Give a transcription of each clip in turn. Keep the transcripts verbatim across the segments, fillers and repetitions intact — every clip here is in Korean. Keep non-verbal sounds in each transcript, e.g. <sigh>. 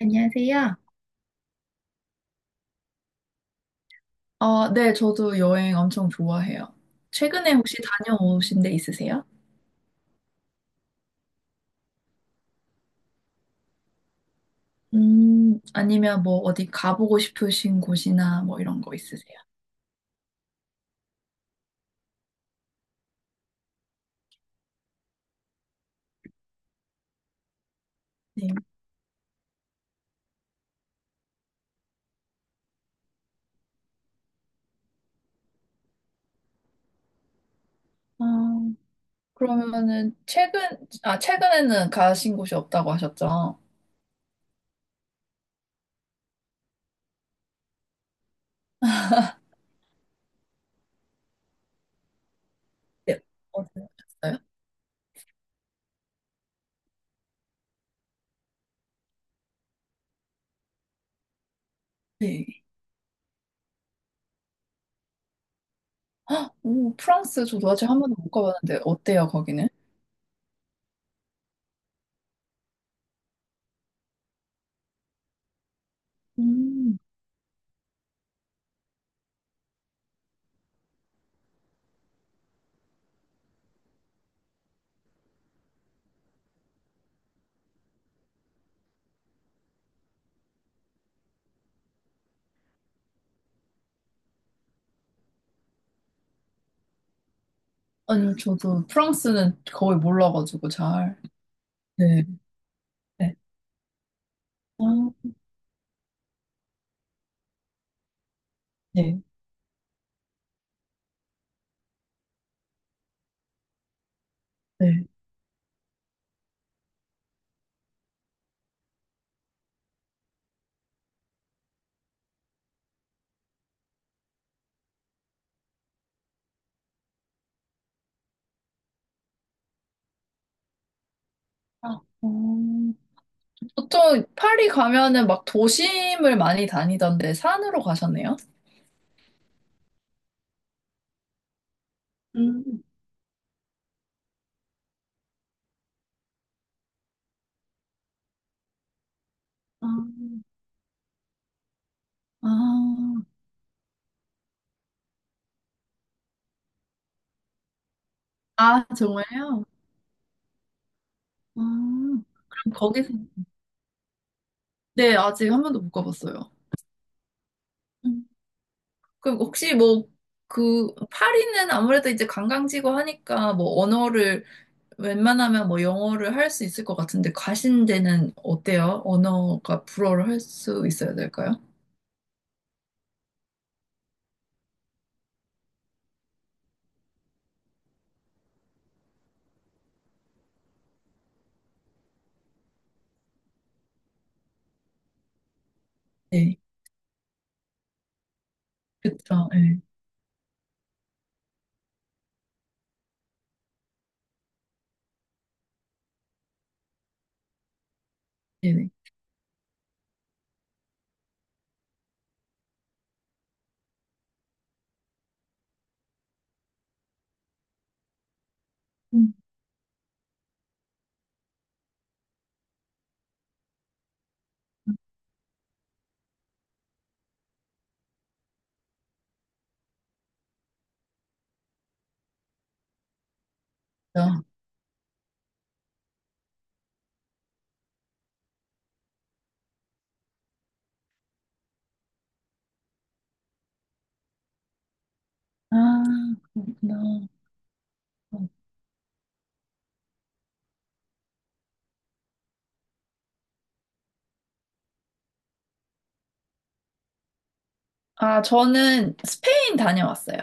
안녕하세요. 아, 네, 저도 여행 엄청 좋아해요. 최근에 혹시 다녀오신 데 있으세요? 음, 아니면 뭐 어디 가보고 싶으신 곳이나 뭐 이런 거 있으세요? 네. 아, 그러면은 최근, 아, 최근에는 가신 곳이 없다고 하셨죠? 네. 어디 가셨어요? 네. 헉, 오, 프랑스 저도 아직 한 번도 못 가봤는데 어때요, 거기는? 음, 아니, 저도 프랑스는 거의 몰라가지고 잘. 네. 네. 아, 네. 네. 아, 음. 보통 파리 가면은 막 도심을 많이 다니던데 산으로 가셨네요? 음, 아, 아, 아, 정말요? 아, 그럼 거기서, 네, 아직 한 번도 못 가봤어요. 음. 그럼 혹시 뭐, 그, 파리는 아무래도 이제 관광지고 하니까 뭐 언어를, 웬만하면 뭐 영어를 할 수 있을 것 같은데 가신 데는 어때요? 언어가 불어를 할 수 있어야 될까요? 네, 그쵸, 네, 네네. 아, 그렇구나. 어. 아, 저는 스페인 다녀왔어요.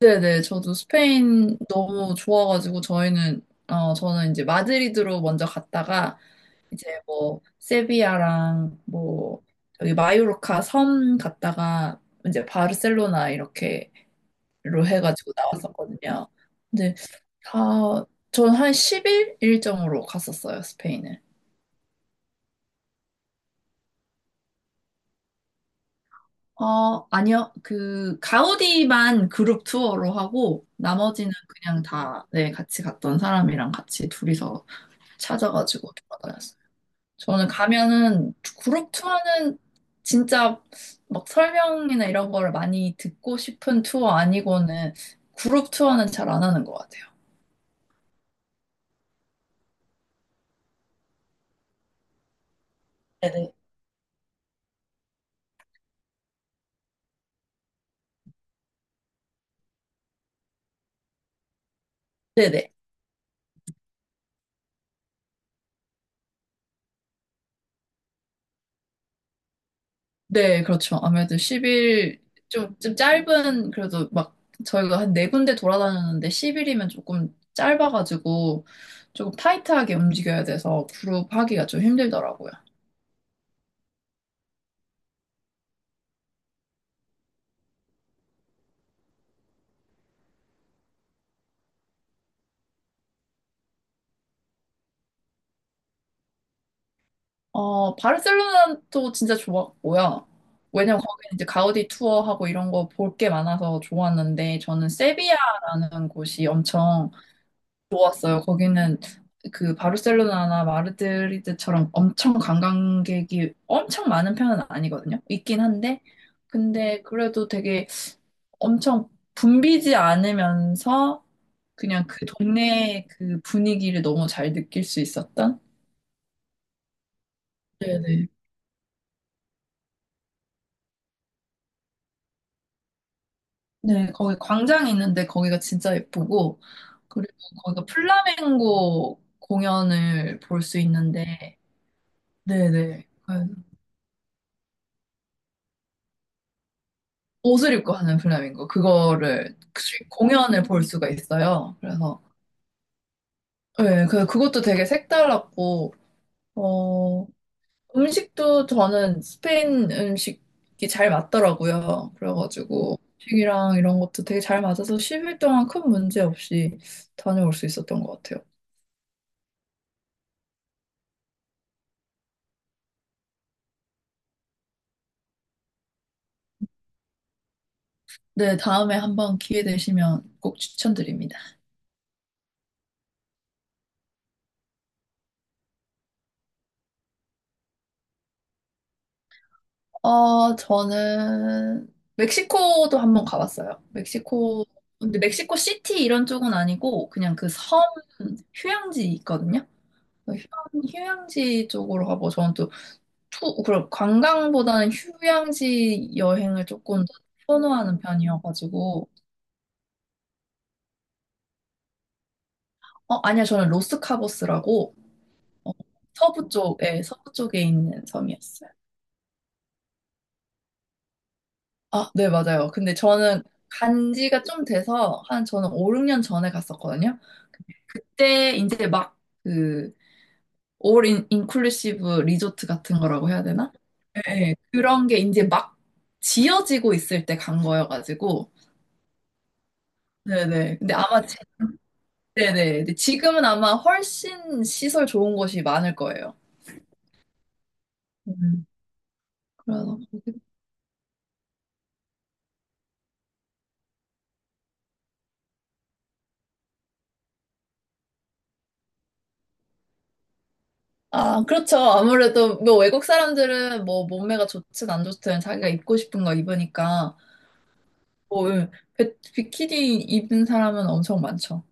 네네, 저도 스페인 너무 좋아가지고 저희는 어 저는 이제 마드리드로 먼저 갔다가 이제 뭐 세비야랑 뭐 여기 마요르카 섬 갔다가 이제 바르셀로나 이렇게로 해가지고 나왔었거든요. 근데 다 전 한 십 일 일정으로 갔었어요, 스페인은. 어, 아니요. 그, 가우디만 그룹 투어로 하고, 나머지는 그냥 다, 네, 같이 갔던 사람이랑 같이 둘이서 찾아가지고 돌아다녔어요. 저는 가면은, 그룹 투어는 진짜 막 설명이나 이런 거를 많이 듣고 싶은 투어 아니고는, 그룹 투어는 잘 안 하는 것 같아요. 네네. 네네. 네, 그렇죠. 아무래도 십 일 좀, 좀 짧은 그래도 막 저희가 한 네 군데 돌아다녔는데 십 일이면 조금 짧아가지고 조금 타이트하게 움직여야 돼서 그룹 하기가 좀 힘들더라고요. 어, 바르셀로나도 진짜 좋았고요. 왜냐면 거기는 이제 가우디 투어하고 이런 거 볼 게 많아서 좋았는데 저는 세비야라는 곳이 엄청 있어요. 거기는 그 바르셀로나나 마드리드처럼 엄청 관광객이 엄청 많은 편은 아니거든요. 있긴 한데, 근데 그래도 되게 엄청 붐비지 않으면서 그냥 그 동네의 그 분위기를 너무 잘 느낄 수 있었던? 네네. 네, 거기 광장이 있는데 거기가 진짜 예쁘고, 그리고 거기가 플라멩고 공연을 볼 수 있는데, 네네. 옷을 입고 하는 플라밍고 그거를 그 공연을 볼 수가 있어요. 그래서 네, 그 그것도 되게 색달랐고 어 음식도 저는 스페인 음식이 잘 맞더라고요. 그래가지고 음식이랑 이런 것도 되게 잘 맞아서 십 일 동안 큰 문제 없이 다녀올 수 있었던 것 같아요. 네, 다음에 한번 기회 되시면 꼭 추천드립니다. 어, 저는 멕시코도 한번 가봤어요. 멕시코, 근데 멕시코 시티 이런 쪽은 아니고 그냥 그 섬 휴양지 있거든요. 그 휴양, 휴양지 쪽으로 가고 저는 또 투, 그럼 관광보다는 휴양지 여행을 조금 더 선호하는 편이어가지고 어, 아니요, 저는 로스카보스라고 어, 서부 쪽에, 서부 쪽에 있는 섬이었어요. 아, 네, 맞아요. 근데 저는 간 지가 좀 돼서 한 저는 오륙, 육 년 전에 갔었거든요. 그때 이제 막그올 인클루시브 리조트 같은 거라고 해야 되나? 네, 그런 게 이제 막 지어지고 있을 때 간 거여가지고 네네. 근데 아마 지- 네네. 근데 지금은 아마 훨씬 시설 좋은 곳이 많을 거예요. 음, 그래서 아, 그렇죠. 아무래도 뭐 외국 사람들은 뭐 몸매가 좋든 안 좋든 자기가 입고 싶은 거 입으니까 뭐 예, 비- 비키니 입은 사람은 엄청 많죠.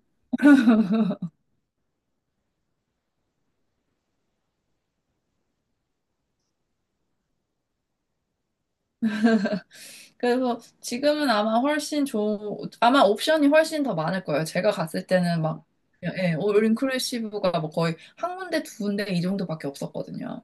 그래서 지금은 아마 훨씬 좋은, 아마 옵션이 훨씬 더 많을 거예요. 제가 갔을 때는 막, 예, 올 인클루시브가 뭐 거의 한 군데, 두 군데 이 정도밖에 없었거든요.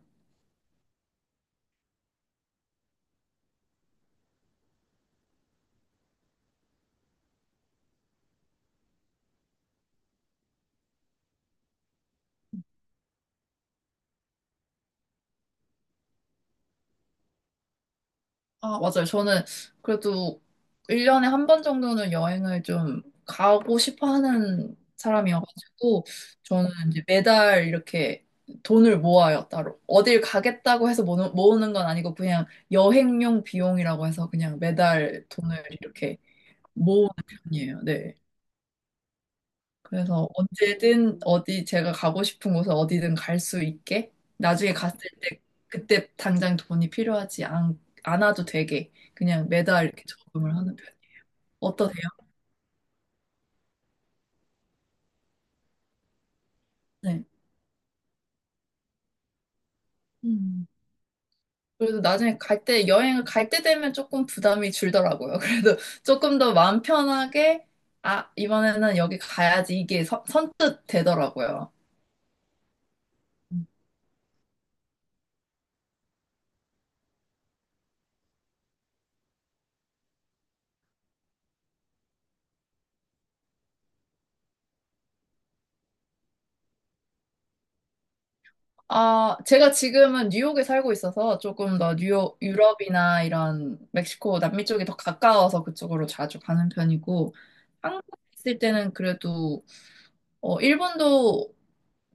아, 맞아요. 저는 그래도 일 년에 한 번 정도는 여행을 좀 가고 싶어 하는 사람이어가지고, 저는 이제 매달 이렇게 돈을 모아요, 따로. 어딜 가겠다고 해서 모으- 모으는 건 아니고, 그냥 여행용 비용이라고 해서 그냥 매달 돈을 이렇게 모으는 편이에요. 네. 그래서 언제든 어디 제가 가고 싶은 곳에 어디든 갈 수 있게 나중에 갔을 때 그때 당장 돈이 필요하지 않, 않아도 되게 그냥 매달 이렇게 저금을 하는 편이에요. 어떠세요? 네. 음. 그래도 나중에 갈 때, 여행을 갈 때 되면 조금 부담이 줄더라고요. 그래도 <laughs> 조금 더 마음 편하게, 아, 이번에는 여기 가야지. 이게 선, 선뜻 되더라고요. 아, 제가 지금은 뉴욕에 살고 있어서 조금 더 뉴욕, 유럽이나 이런 멕시코, 남미 쪽이 더 가까워서 그쪽으로 자주 가는 편이고, 한국에 있을 때는 그래도, 어, 일본도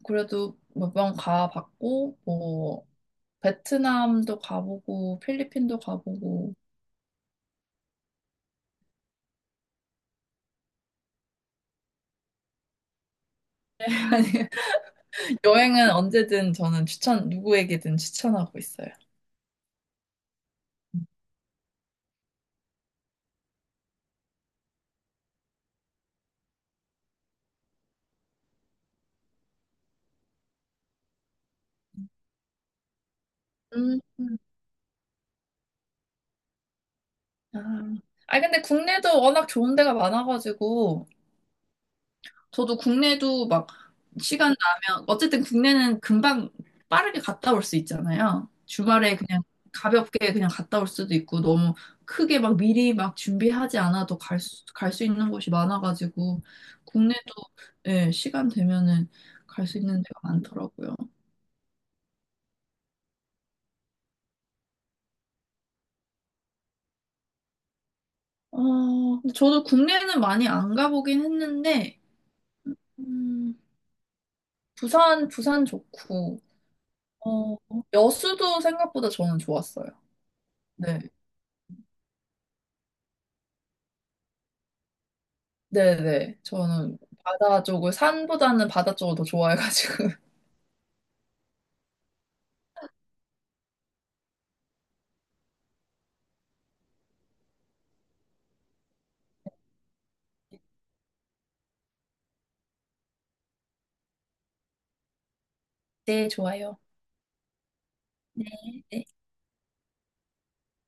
그래도 몇 번 가봤고, 뭐, 베트남도 가보고, 필리핀도 가보고, <laughs> 아니, 여행은 언제든 저는 추천, 누구에게든 추천하고 있어요. 음, 아, 아니, 근데 국내도 워낙 좋은 데가 많아가지고, 저도 국내도 막 시간 나면 어쨌든 국내는 금방 빠르게 갔다 올 수 있잖아요. 주말에 그냥 가볍게 그냥 갔다 올 수도 있고 너무 크게 막 미리 막 준비하지 않아도 갈 수, 갈 수 있는 곳이 많아가지고 국내도 예, 시간 되면은 갈 수 있는 데가 많더라고요. 어, 근데 저도 국내는 많이 안 가보긴 했는데 음, 부산 부산 좋고 어, 여수도 생각보다 저는 좋았어요. 네. 네네. 저는 바다 쪽을, 산보다는 바다 쪽을 더 좋아해가지고. <laughs> 네, 좋아요.